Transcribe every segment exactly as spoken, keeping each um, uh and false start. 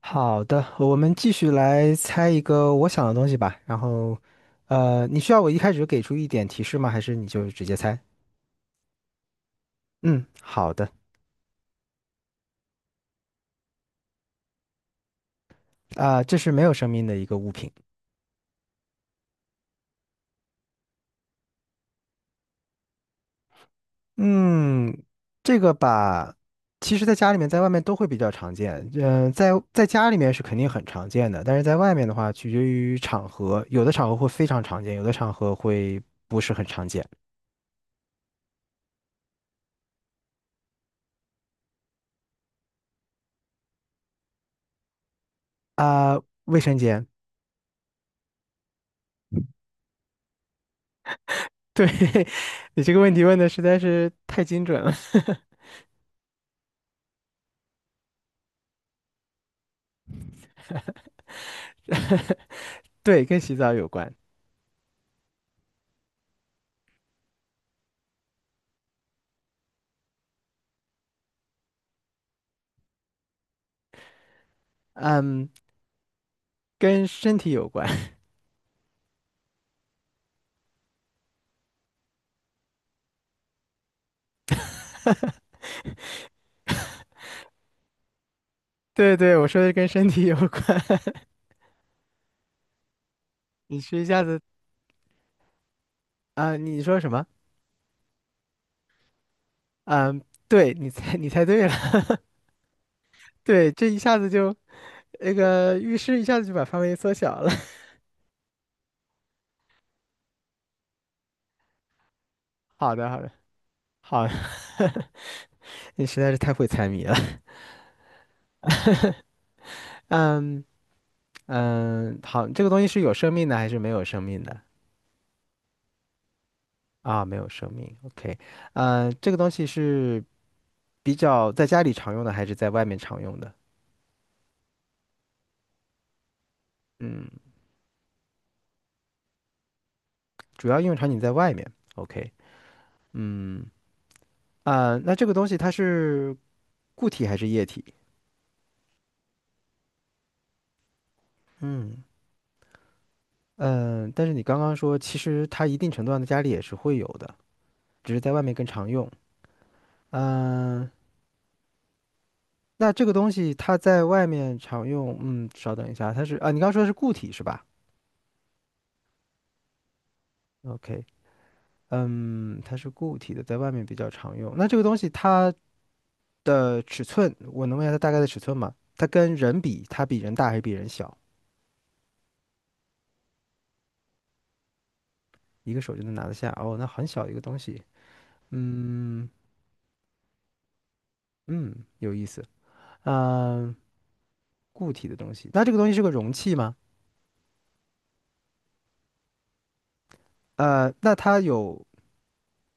好的，我们继续来猜一个我想的东西吧。然后，呃，你需要我一开始给出一点提示吗？还是你就直接猜？嗯，好的。啊、这是没有生命的一个物品。嗯，这个吧，其实在家里面，在外面都会比较常见。嗯、在在家里面是肯定很常见的，但是在外面的话，取决于场合，有的场合会非常常见，有的场合会不是很常见。啊、卫生间。对，你这个问题问的实在是太精准了。对，跟洗澡有关，嗯，跟身体有关。对对，我说的是跟身体有关。你是一下子啊、你说什么？嗯，对，你猜，你猜对了。对，这一下子就那个浴室一下子就把范围缩小了。好的，好的，好的，你实在是太会猜谜了。嗯嗯，好，这个东西是有生命的还是没有生命的？啊，没有生命。OK，嗯，这个东西是比较在家里常用的还是在外面常用的？嗯，主要应用场景在外面。OK，嗯啊，那这个东西它是固体还是液体？嗯嗯，呃但是你刚刚说，其实它一定程度上的家里也是会有的，只是在外面更常用。嗯，那这个东西它在外面常用，嗯，稍等一下，它是啊，你刚刚说的是固体是吧？OK，嗯，它是固体的，在外面比较常用。那这个东西它的尺寸，我能问一下它大概的尺寸吗？它跟人比，它比人大还是比人小？一个手就能拿得下哦，那很小一个东西。嗯嗯，有意思。嗯、固体的东西，那这个东西是个容器吗？呃，那它有，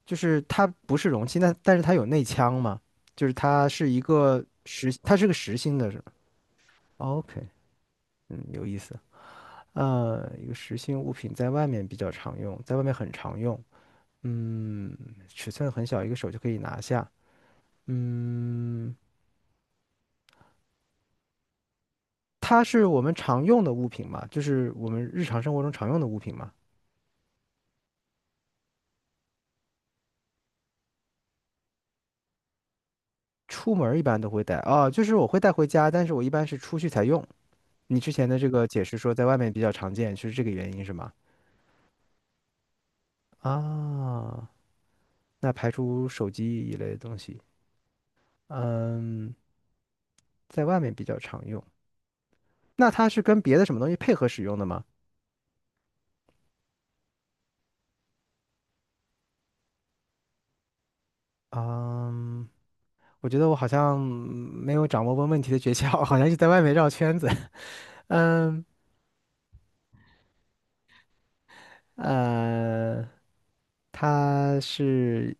就是它不是容器，那但是它有内腔吗？就是它是一个实，它是个实心的，是吗哦？OK，嗯，有意思。呃，一个实心物品在外面比较常用，在外面很常用。嗯，尺寸很小，一个手就可以拿下。嗯，它是我们常用的物品嘛，就是我们日常生活中常用的物品嘛。出门儿一般都会带啊，就是我会带回家，但是我一般是出去才用。你之前的这个解释说在外面比较常见，是这个原因是吗？啊，那排除手机一类的东西，嗯，在外面比较常用。那它是跟别的什么东西配合使用的吗？嗯，我觉得我好像没有掌握问问题的诀窍，好像就在外面绕圈子。嗯，呃。它是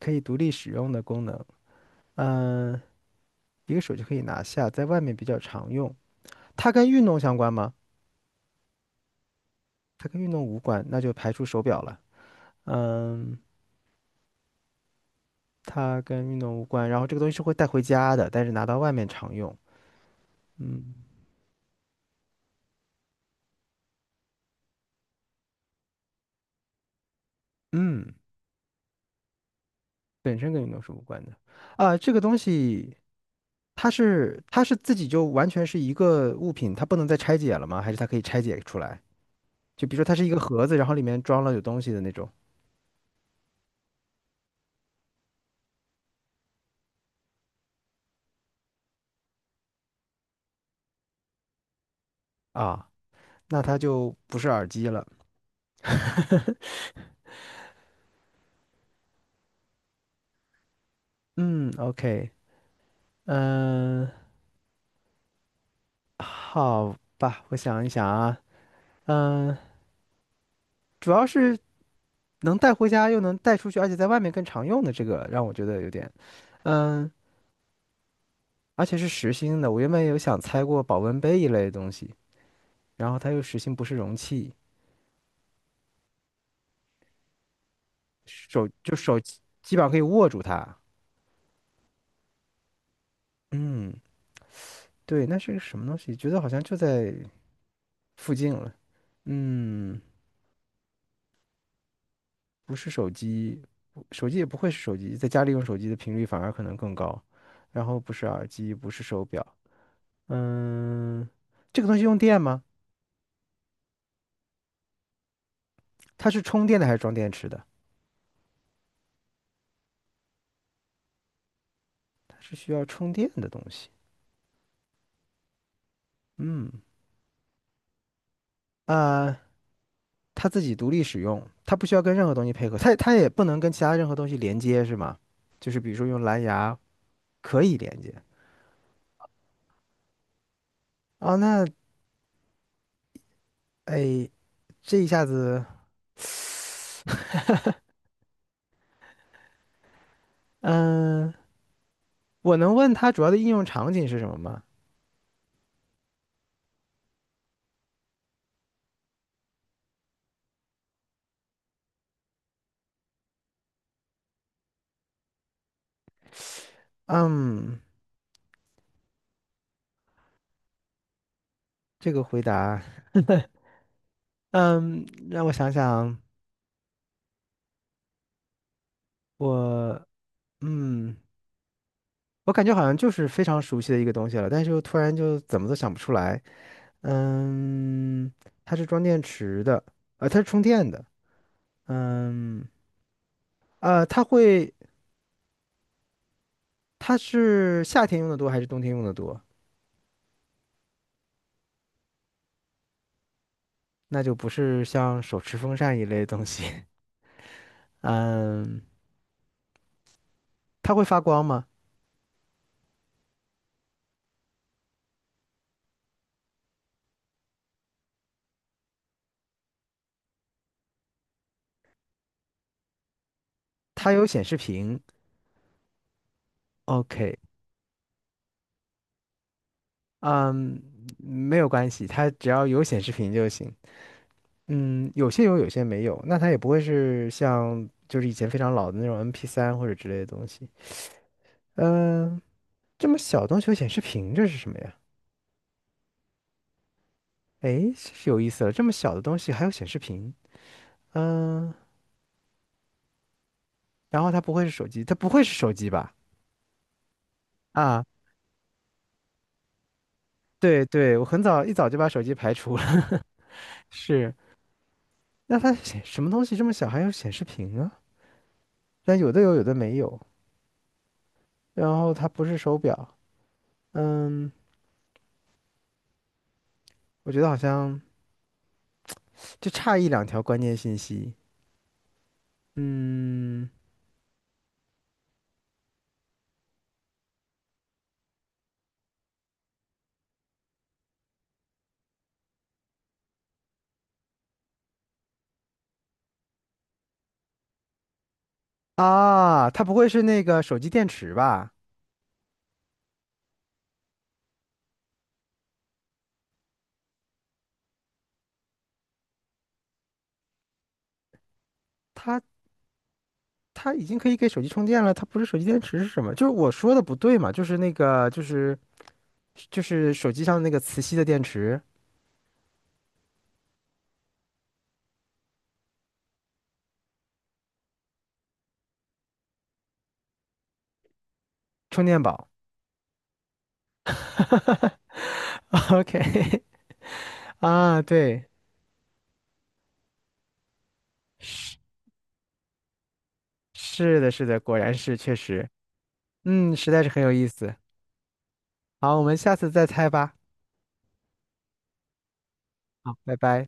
可以独立使用的功能，嗯，一个手就可以拿下，在外面比较常用。它跟运动相关吗？它跟运动无关，那就排除手表了。嗯，它跟运动无关，然后这个东西是会带回家的，但是拿到外面常用。嗯嗯，本身跟运动是无关的。啊，这个东西它是它是自己就完全是一个物品，它不能再拆解了吗？还是它可以拆解出来？就比如说它是一个盒子，然后里面装了有东西的那种啊。那它就不是耳机了。嗯，OK，嗯，好吧，我想一想啊，嗯，主要是能带回家又能带出去，而且在外面更常用的这个，让我觉得有点，嗯，而且是实心的。我原本有想猜过保温杯一类的东西，然后它又实心不是容器，手就手基本上可以握住它。嗯，对，那是个什么东西？觉得好像就在附近了。嗯。不是手机，手机也不会是手机，在家里用手机的频率反而可能更高。然后不是耳机，不是手表，嗯，这个东西用电吗？它是充电的还是装电池的？它是需要充电的东西。嗯，啊、它自己独立使用，它不需要跟任何东西配合，它它也不能跟其他任何东西连接，是吗？就是比如说用蓝牙可以连接。哦，那哎，这一下子，嗯、我能问它主要的应用场景是什么吗？嗯，这个回答，嗯，让我想想，我，嗯，我感觉好像就是非常熟悉的一个东西了，但是又突然就怎么都想不出来。嗯，它是装电池的，呃，它是充电的。嗯，呃，它会，它是夏天用的多还是冬天用的多？那就不是像手持风扇一类的东西。嗯，它会发光吗？它有显示屏。OK，嗯，没有关系，它只要有显示屏就行。嗯，有些有，有些没有。那它也不会是像就是以前非常老的那种 M P 三 或者之类的东西。嗯、这么小的东西有显示屏，这是什么呀？诶，是有意思了，这么小的东西还有显示屏。嗯、然后它不会是手机，它不会是手机吧？啊，对对，我很早一早就把手机排除了。是，那它显什么东西这么小还有显示屏啊？但有的有，有的没有。然后它不是手表，嗯，我觉得好像就差一两条关键信息。嗯，啊，它不会是那个手机电池吧？它它已经可以给手机充电了，它不是手机电池是什么？就是我说的不对嘛，就是那个就是就是手机上那个磁吸的电池充电宝。OK，啊，对，是是的，是的，果然是确实，嗯，实在是很有意思。好，我们下次再猜吧，拜拜。